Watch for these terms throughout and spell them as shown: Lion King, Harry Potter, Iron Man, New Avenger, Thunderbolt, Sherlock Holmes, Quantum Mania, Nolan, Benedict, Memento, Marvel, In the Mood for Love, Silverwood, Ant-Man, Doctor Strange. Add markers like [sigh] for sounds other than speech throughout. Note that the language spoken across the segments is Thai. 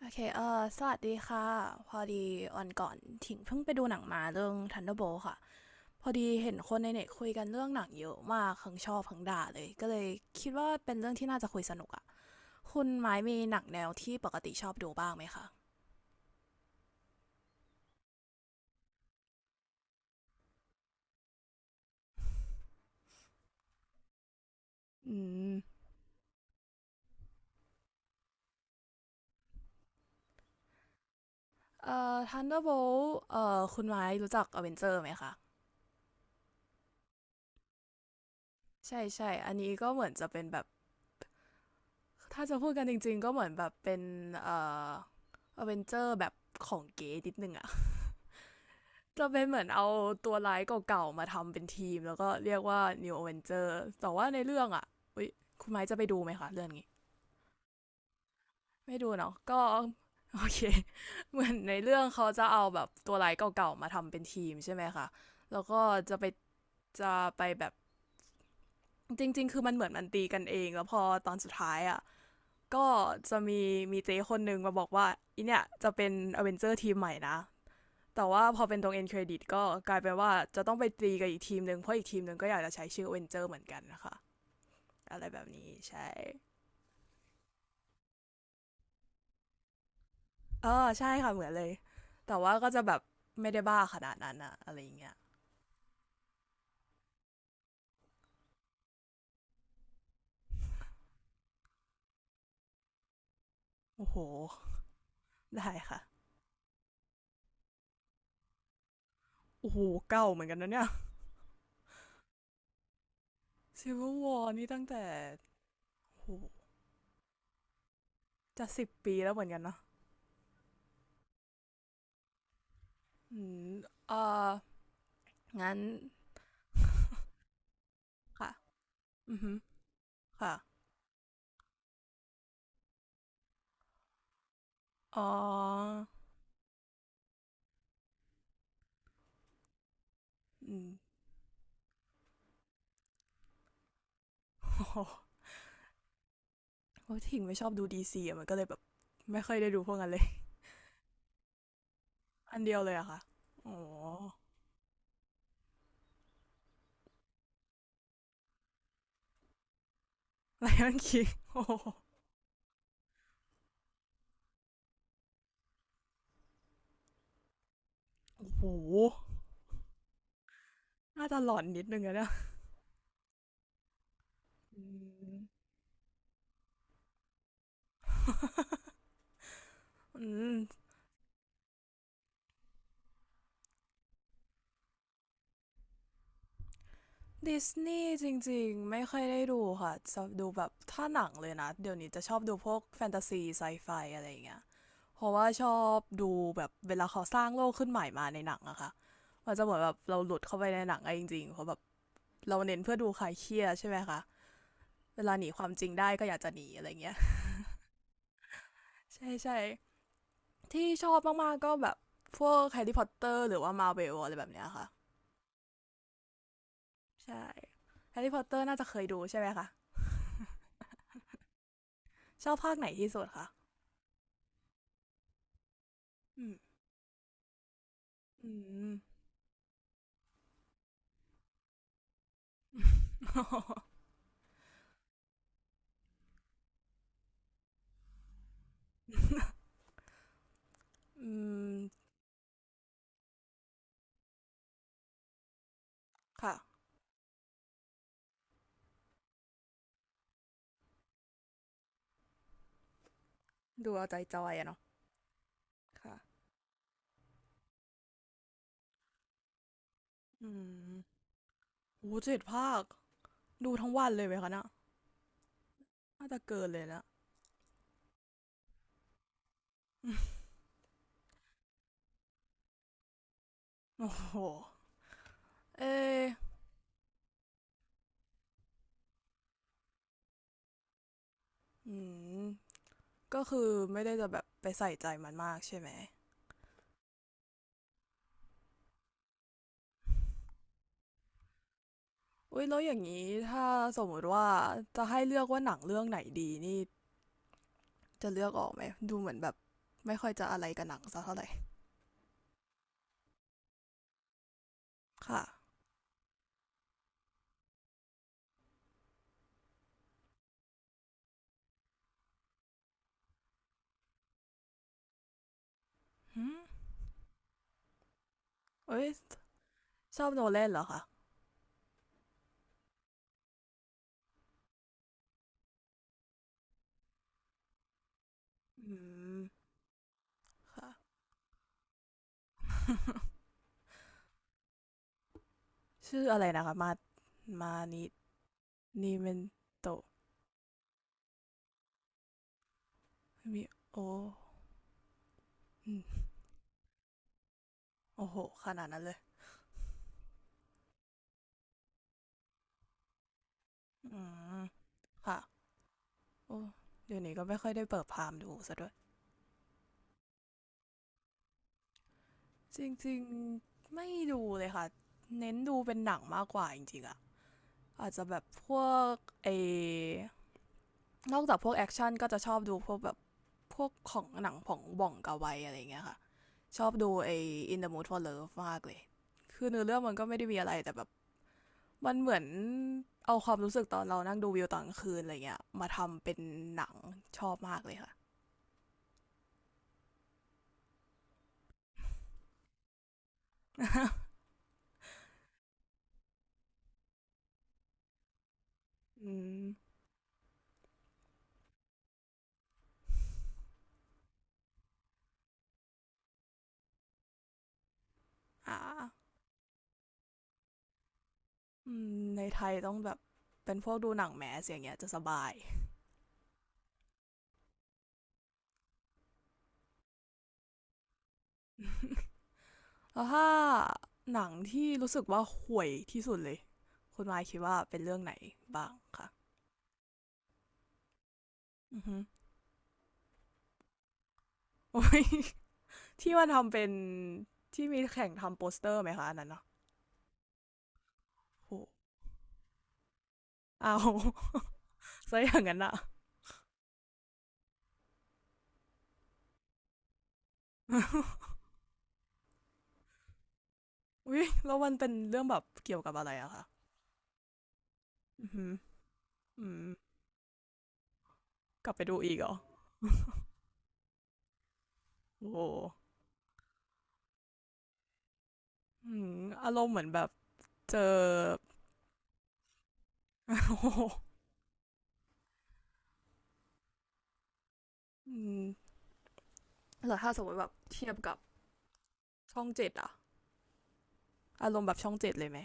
โอเคสวัสดีค่ะ พอดีวันก่อนถิงเพิ่งไปดูหนังมาเรื่อง Thunderbolt ค่ะ พอดีเห็นคนในเน็ตคุยกันเรื่องหนังเยอะมากทั้งชอบทั้งด่าเลย ก็เลยคิดว่าเป็นเรื่องที่น่าจะคุยสนุกอะคุณไม้มีหนังแนวที่ปกติชอบดูบ้างไหมคะอืม Thunderbolt คุณไม้รู้จัก Avenger ไหมคะใช่ใช่อันนี้ก็เหมือนจะเป็นแบบ ถ้าจะพูดกันจริงๆก็เหมือนแบบเป็นเอ่อ Avenger แบบของเก๋นิดนึงอะ [laughs] จะเป็นเหมือนเอาตัวร้ายเก่าๆมาทำเป็นทีมแล้วก็เรียกว่า New Avenger แต่ว่าในเรื่องอ่ะอุ๊ยคุณไม้จะไปดูไหมคะเรื่องนี้ไม่ดูเนาะก็โอเค [laughs] เหมือนในเรื่องเขาจะเอาแบบตัวร้ายเก่าๆมาทำเป็นทีมใช่ไหมคะแล้วก็จะไปจะไปแบบจริงๆคือมันเหมือนมันตีกันเองแล้วพอตอนสุดท้ายอ่ะก็จะมีมีเจ๊คนหนึ่งมาบอกว่าอีเนี่ยจะเป็นอเวนเจอร์ทีมใหม่นะ แต่ว่าพอเป็นตรงเอ็นเครดิตก็กลายเป็นว่าจะต้องไปตีกับอีกทีมหนึ่งเพราะอีกทีมหนึ่งก็อยากจะใช้ชื่อเวนเจอร์เหมือนกันนะคะอะไรแบบนี้ใช่อใช่ค่ะเหมือนเลยแต่ว่าก็จะแบบไม่ได้บ้าขนาดนั้นอะอะไรอย่างเงี้ยโอ้โหได้ค่ะโอ้โหเก่าเหมือนกันนะเนี่ยซิลเวอร์วอร์นี่ตั้งแต่โอ้โหจะสิบปีแล้วเหมือนกันเนาะอืมเอองั้น [laughs] ค่ะอือค่ะอ๋ออืม [laughs] โอ้ เพราะถิงไม่ชอบดูดีซีอะมันก็เลยแบบไม่ค่อยได้ดูพวกนั้นเลยอันเดียวเลยอะค่ะอ๋อไลออนคิงโอ้โหน่าจะหลอนนิดนึงอะเนี่ยอืมดิสนีย์จริงๆไม่ค่อยได้ดูค่ะจะดูแบบถ้าหนังเลยนะเดี๋ยวนี้จะชอบดูพวกแฟนตาซีไซไฟอะไรอย่างเงี้ยเพราะว่าชอบดูแบบเวลาเขาสร้างโลกขึ้นใหม่มาในหนังอะค่ะมันจะเหมือนแบบเราหลุดเข้าไปในหนังอะจริงๆเพราะแบบเราเน้นเพื่อดูคลายเครียดใช่ไหมคะ เวลาหนีความจริงได้ก็อยากจะหนีอะไรเงี้ย [laughs] ใช่ใช่ที่ชอบมากๆก็แบบพวกแฮร์รี่พอตเตอร์หรือว่ามาร์เวลอะไรแบบเนี้ยค่ะใช่แฮร์รี่พอตเตอร์น่าจะเคยดูใช่ไหมคะชอบภาคไหนที่สุดคะอืมอืม [laughs] อืมค่ะดูเอาใจจอยอะเนาะค่ะอืมโอ้เจ็ดภาคดูทั้งวันเลยไหมคะเนะน่าจะเกินเลยนะโอ้โหเอออืมก็คือไม่ได้จะแบบไปใส่ใจมันมากใช่ไหม อุ้ยแล้วอย่างนี้ถ้าสมมติว่าจะให้เลือกว่าหนังเรื่องไหนดีนี่จะเลือกออกไหมดูเหมือนแบบไม่ค่อยจะอะไรกับหนังสักเท่าไหร่ค่ะหืมเอ้ยชอบโนแลนเหรอคะอืมค่ะชื่ออะไรนะคะมามานินิเมนโตมิโออืมโอ้โหขนาดนั้นเลยอืมค่ะโอ้เดี๋ยวนี้ก็ไม่ค่อยได้เปิดพามดูซะด้วยจริงๆไม่ดูเลยค่ะเน้นดูเป็นหนังมากกว่าจริงๆอะ อาจจะแบบพวกเอนอกจากพวกแอคชั่นก็จะชอบดูพวกแบบพวกของหนังของบ่องกาไวอะไรอย่างเงี้ยค่ะชอบดูไอ In the Mood for Love มากเลยคือเนื้อเรื่องมันก็ไม่ได้มีอะไรแต่แบบมันเหมือนเอาความรู้สึกตอนเรานั่งดูวิวตอนกลางคืนอะไรเงี้ยมาทำเป็นหนังชอบมากเลยค่ะอืมอ่าอืมในไทยต้องแบบเป็นพวกดูหนังแมสอย่างเงี้ยจะสบาย [laughs] แล้วถ้าหนังที่รู้สึกว่าห่วยที่สุดเลยคุณวายคิดว่าเป็นเรื่องไหนบ้างคะอือฮึ [laughs] โอ้ยที่ว่าทำเป็นที่มีแข่งทำโปสเตอร์ไหมคะอันนั้นเนาะโอ้เอา [laughs] ซะอย่างนั้นอะ [laughs] อุ้ยแล้วมันเป็นเรื่องแบบเกี่ยวกับอะไรอะคะอือฮึอืมกลับไปดูอีกเหรอโอ้โหอืมอารมณ์เหมือนแบบเจอ [laughs] โอ้หอืมแล้วถ้าสมมติแบบเทียบกับช่องเจ็ดอะอารมณ์แบบช่องเจ็ดเลยไหม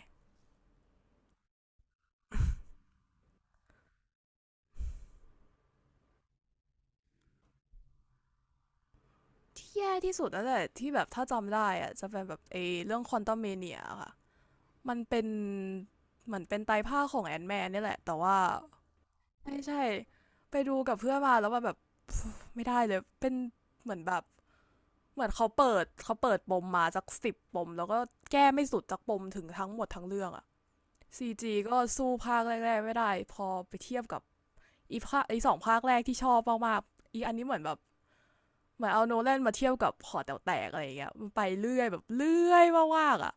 แย่ที่สุดแล้วแหละที่แบบถ้าจำได้อะจะเป็นแบบไอ้เรื่องควอนตัมเมเนียค่ะมันเป็นเหมือนเป็นไตรภาคของแอนแมนนี่แหละแต่ว่าไม่ใช่ไปดูกับเพื่อนมาแล้วมัแบบไม่ได้เลยเป็นเหมือนแบบเหมือนเขาเปิดปมมาจากสิบปมแล้วก็แก้ไม่สุดจากปมถึงทั้งหมดทั้งเรื่องอะ CG ก็สู้ภาคแรกๆไม่ได้พอไปเทียบกับอีภาคไอสองภาคแรกที่ชอบมากๆอีอันนี้เหมือนแบบ เหมือนเอาโนแลนมาเทียบกับหอแต๋วแตกอะไรอย่างเงี้ยมันไปเรื่อยแบบเรื่อยมากๆอ่ะ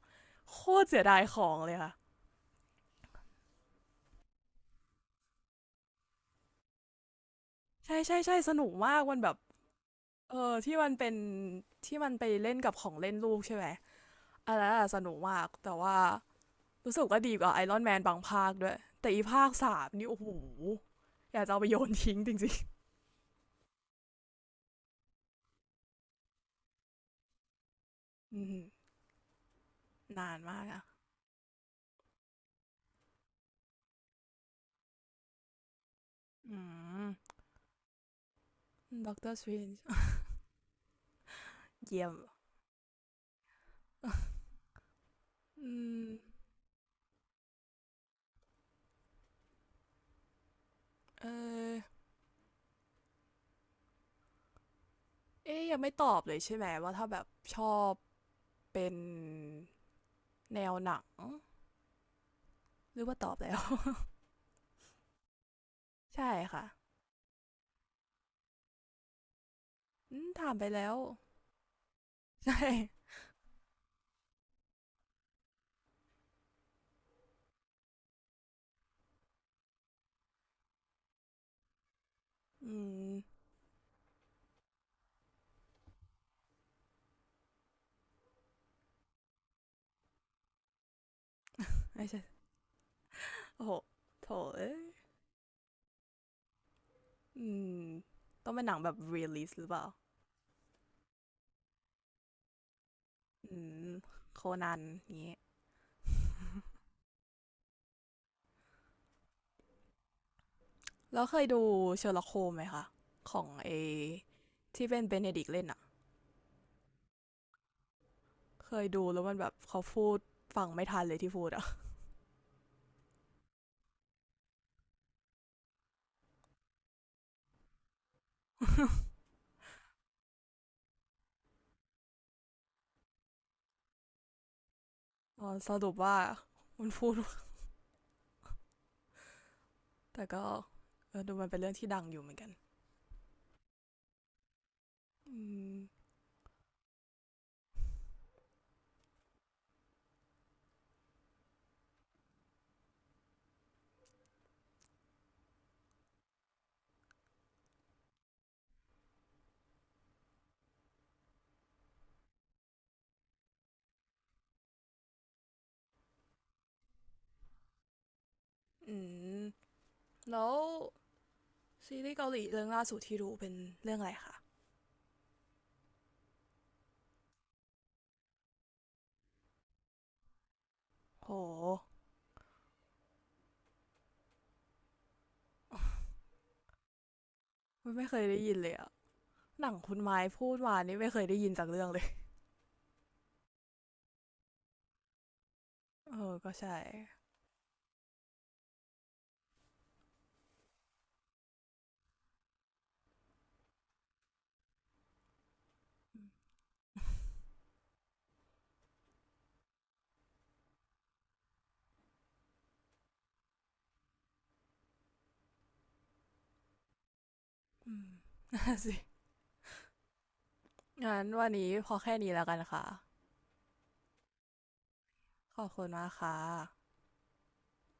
โคตรเสียดายของเลยค่ะใช่ใช่ใช่สนุกมากมันแบบเออที่มันเป็นที่มันไปเล่นกับของเล่นลูกใช่ไหมอันนั้นอะสนุกมากแต่ว่ารู้สึกว่าดีกว่าไอรอนแมนบางภาคด้วยแต่อีภาคสามนี่โอ้โหอยากจะเอาไปโยนทิ้งจริงๆอืมนานมากอะอืมด็อกเตอร์สวนจ์เยี่ยมอืมเออเอ๊ยยังไม่ตอบเลยใช่ไหมว่าถ้าแบบชอบ เป็นแนวหนังหรือว่าตอบแล้ว [laughs] ใช่ค่ะถามไปแล้ว [laughs] ใช่อืมไม่ใช่โอ้โหโถเอ้ยอืมต้องเป็นหนังแบบ r e ล e a s หรือเปล่าอืมโคนันนี้แล้วเคยดูเชอร์ล็อกโฮมไหมคะของเอที่เป็นเบเนดิกเล่นอะเคยดูแล้วมันแบบเขาพูดฟังไม่ทันเลยที่พูดอะ [laughs] อ๋อสรุปว่ามันพูด [laughs] แต่ก็ดูมันเป็นเรื่องที่ดังอยู่เหมือนกันอืมอืม แล้วซีรีส์เกาหลีเรื่องล่าสุดที่ดูเป็นเรื่องอะไรคะโห ไม่เคยได้ยินเลยอะหนังคุณไม้พูดมานี่ไม่เคยได้ยินจากเรื่องเลยเออก็ใช่นั่นสิ [laughs] งั้นวันนี้พอแค่นี้แล้วกันค่ะ ขอบคุณมากค่ะ